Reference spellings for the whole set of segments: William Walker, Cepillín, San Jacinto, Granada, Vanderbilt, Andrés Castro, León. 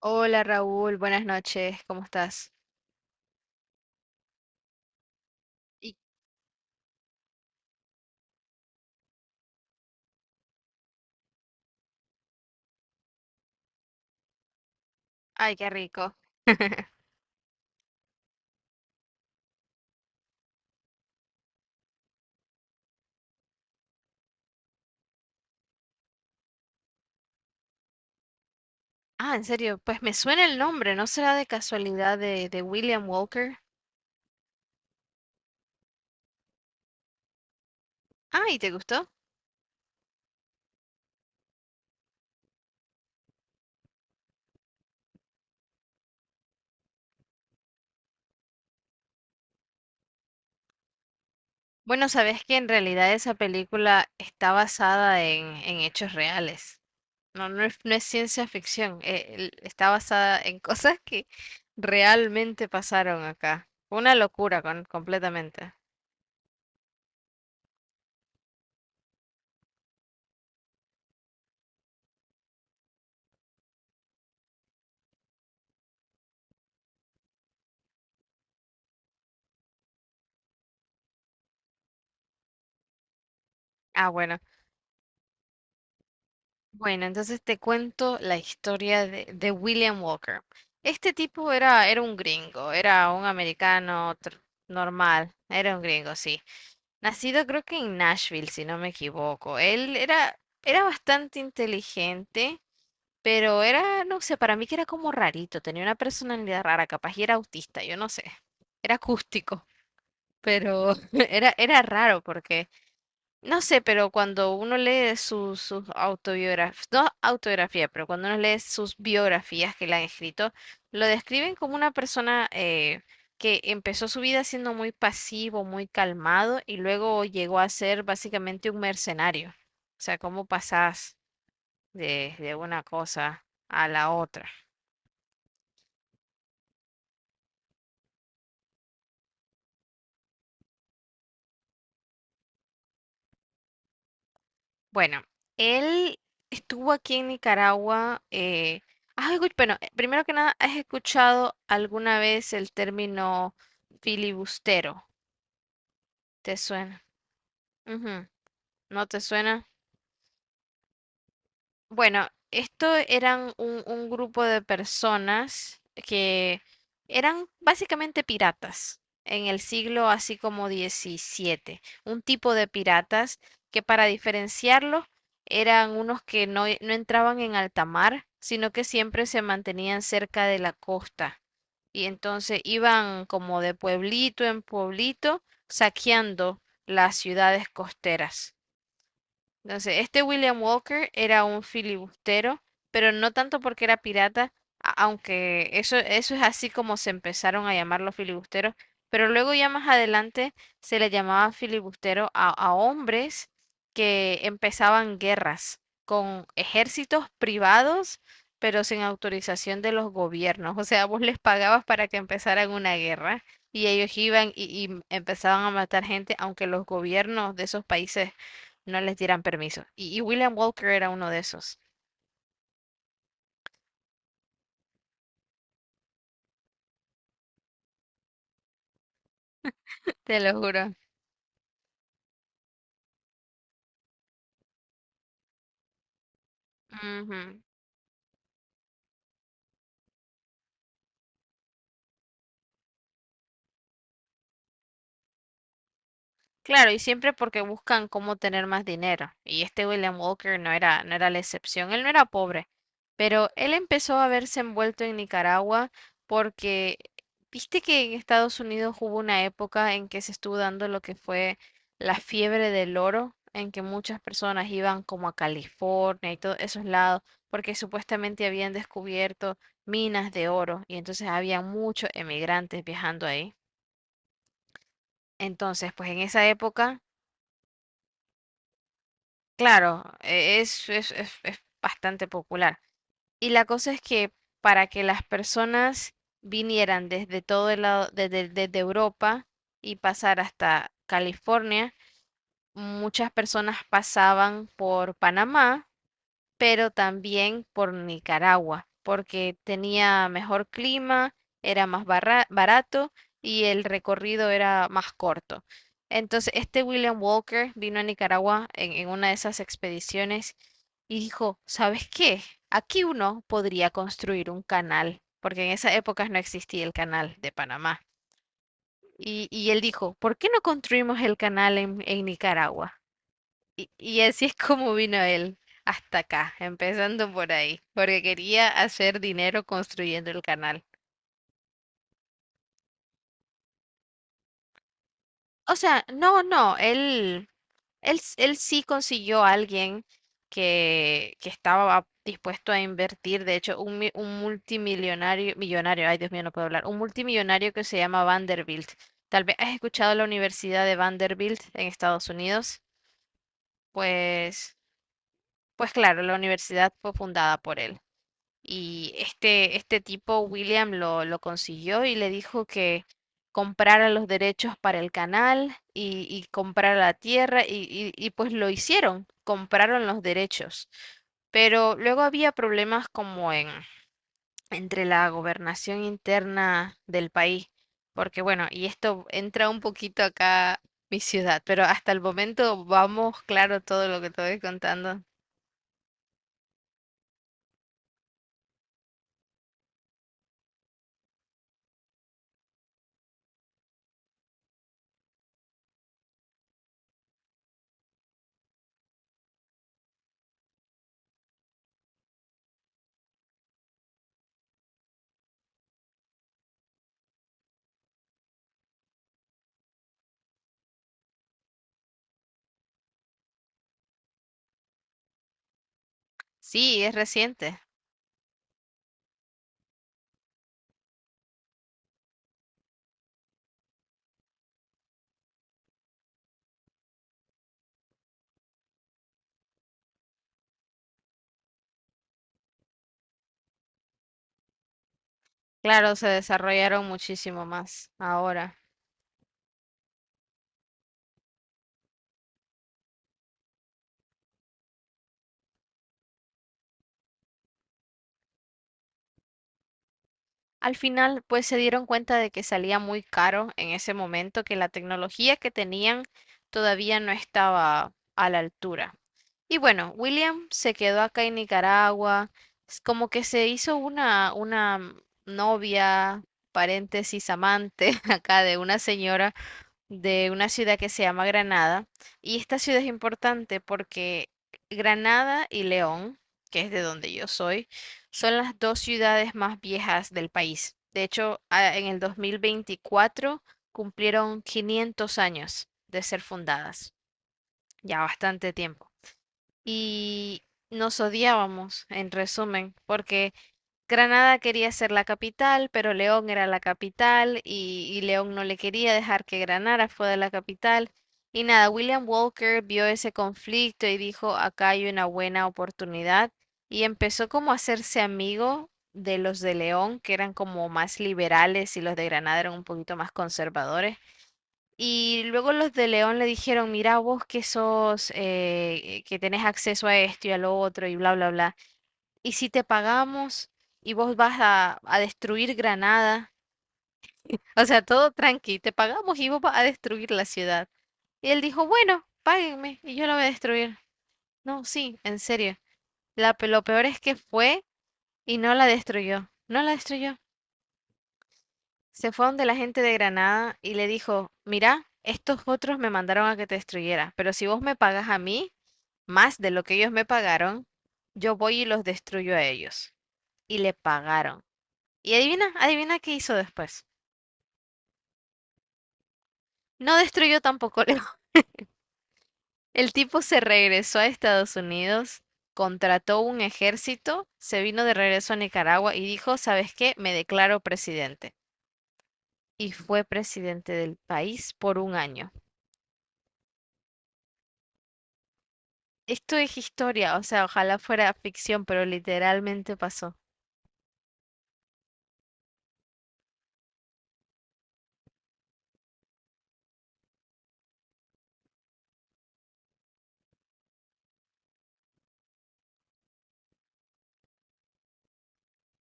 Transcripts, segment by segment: Hola Raúl, buenas noches, ¿cómo estás? Y, Ay, qué rico. Ah, en serio, pues me suena el nombre, ¿no será de casualidad de William Walker? Ay, ¿te gustó? Bueno, sabes que en realidad esa película está basada en hechos reales. No es ciencia ficción, el- está basada en cosas que realmente pasaron acá. Una locura con- completamente. Ah, bueno. Bueno, entonces te cuento la historia de William Walker. Este tipo era un gringo, era un americano tr- normal, era un gringo, sí. Nacido creo que en Nashville, si no me equivoco. Él era, era bastante inteligente, pero era, no sé, para mí que era como rarito, tenía una personalidad rara, capaz y era autista, yo no sé. Era acústico, pero era raro porque... No sé, pero cuando uno lee sus autobiografías, no autobiografía, pero cuando uno lee sus biografías que le han escrito, lo describen como una persona que empezó su vida siendo muy pasivo, muy calmado y luego llegó a ser básicamente un mercenario. O sea, cómo pasás de una cosa a la otra. Bueno, él estuvo aquí en Nicaragua. Has escu- bueno, primero que nada, ¿has escuchado alguna vez el término filibustero? ¿Te suena? Ujú. ¿No te suena? Bueno, esto eran un grupo de personas que eran básicamente piratas en el siglo así como XVII. Un tipo de piratas que para diferenciarlos eran unos que no entraban en alta mar, sino que siempre se mantenían cerca de la costa. Y entonces iban como de pueblito en pueblito saqueando las ciudades costeras. Entonces, este William Walker era un filibustero, pero no tanto porque era pirata, a- aunque eso es así como se empezaron a llamar los filibusteros, pero luego ya más adelante se le llamaba filibustero a hombres que empezaban guerras con ejércitos privados, pero sin autorización de los gobiernos. O sea, vos les pagabas para que empezaran una guerra y ellos iban y empezaban a matar gente, aunque los gobiernos de esos países no les dieran permiso. Y William Walker era uno de esos. Te lo juro. Ujú. Claro, y siempre porque buscan cómo tener más dinero. Y este William Walker no era la excepción, él no era pobre, pero él empezó a verse envuelto en Nicaragua porque, viste que en Estados Unidos hubo una época en que se estuvo dando lo que fue la fiebre del oro, en que muchas personas iban como a California y todos esos lados, porque supuestamente habían descubierto minas de oro y entonces había muchos emigrantes viajando ahí. Entonces, pues en esa época claro, e- es bastante popular. Y la cosa es que para que las personas vinieran desde todo el lado, desde Europa y pasar hasta California, muchas personas pasaban por Panamá pero también por Nicaragua, porque tenía mejor clima, era más barra- barato y el recorrido era más corto. Entonces, este William Walker vino a Nicaragua en una de esas expediciones y dijo, ¿sabes qué? Aquí uno podría construir un canal, porque en esas épocas no existía el canal de Panamá. Y él dijo, ¿por qué no construimos el canal en Nicaragua? Y así es como vino él hasta acá, empezando por ahí, porque quería hacer dinero construyendo el canal. O sea, no, no, él, s- él sí consiguió a alguien que estaba dispuesto a invertir, de hecho, un, mi- un multimillonario, millonario, ay Dios mío, no puedo hablar, un multimillonario que se llama Vanderbilt. Tal vez has escuchado la Universidad de Vanderbilt en Estados Unidos, pues, pues claro, la universidad fue fundada por él. Y este tipo, William, lo consiguió y le dijo que comprara los derechos para el canal y comprara la tierra y pues lo hicieron, compraron los derechos. Pero luego había problemas como entre la gobernación interna del país, porque bueno, y esto entra un poquito acá mi ciudad, pero hasta el momento vamos claro todo lo que te voy contando. Sí, es reciente. Claro, se desarrollaron muchísimo más ahora. Al final, pues se dieron cuenta de que salía muy caro en ese momento, que la tecnología que tenían todavía no estaba a la altura. Y bueno, William se quedó acá en Nicaragua, s- como que se hizo una, una novia, paréntesis, amante acá de una señora de una ciudad que se llama Granada. Y esta ciudad es importante porque Granada y León, que es de donde yo soy, son las dos ciudades más viejas del país. De hecho, a- en el 2024 cumplieron 500 años de ser fundadas, ya bastante tiempo. Y nos odiábamos, en resumen, porque Granada quería ser la capital, pero León era la capital y León no le quería dejar que Granada fuera la capital. Y nada, William Walker vio ese conflicto y dijo, acá hay una buena oportunidad. Y empezó como a hacerse amigo de los de León, que eran como más liberales y los de Granada eran un poquito más conservadores. Y luego los de León le dijeron, mira vos que sos, que tenés acceso a esto y a lo otro y bla, bla, bla. ¿Y si te pagamos y vos vas a destruir Granada? O sea, todo tranqui, te pagamos y vos vas a destruir la ciudad. Y él dijo, bueno, páguenme y yo la voy a destruir. No, sí, en serio. Lo peor es que fue y no la destruyó. No la destruyó. Se fue donde la gente de Granada y le dijo, mira, estos otros me mandaron a que te destruyera, pero si vos me pagas a mí más de lo que ellos me pagaron, yo voy y los destruyo a ellos. Y le pagaron. Y adivina, adivina qué hizo después. No destruyó tampoco León. El tipo se regresó a Estados Unidos, contrató un ejército, se vino de regreso a Nicaragua y dijo, ¿sabes qué? Me declaro presidente. Y fue presidente del país por un año. Esto es historia, o sea, ojalá fuera ficción, pero literalmente pasó.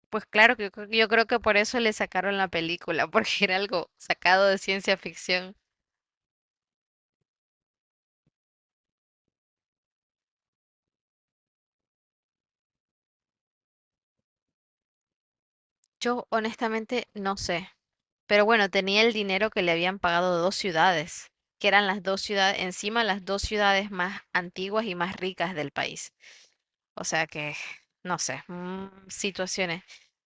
Pues claro, que yo creo que por eso le sacaron la película, porque era algo sacado de ciencia ficción. Yo honestamente no sé. Pero bueno, tenía el dinero que le habían pagado dos ciudades, que eran las dos ciudades, encima las dos ciudades más antiguas y más ricas del país. O sea que, no sé, situaciones.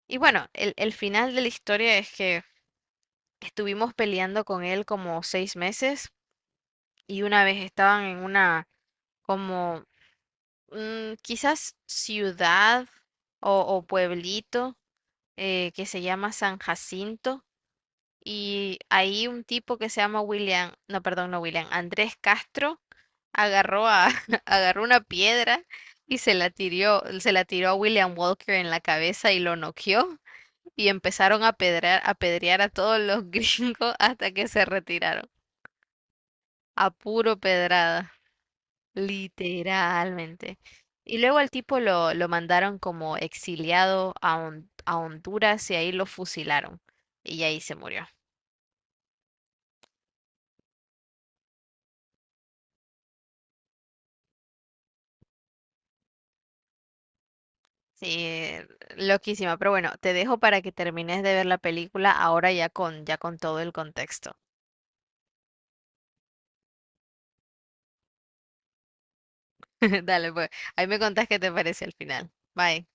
Y bueno, el final de la historia es que estuvimos peleando con él como 6 meses y una vez estaban en una como quizás ciudad o pueblito que se llama San Jacinto. Y ahí un tipo que se llama William, no, perdón, no William, Andrés Castro agarró a, agarró una piedra y se la tiró a William Walker en la cabeza y lo noqueó y empezaron a pedrear, a pedrear a todos los gringos hasta que se retiraron. A puro pedrada, literalmente. Y luego al tipo lo mandaron como exiliado a, Hon- a Honduras y ahí lo fusilaron. Y ahí se murió. Sí, loquísima, pero bueno, te dejo para que termines de ver la película ahora ya con todo el contexto. Dale, pues, ahí me contás qué te parece al final. Bye.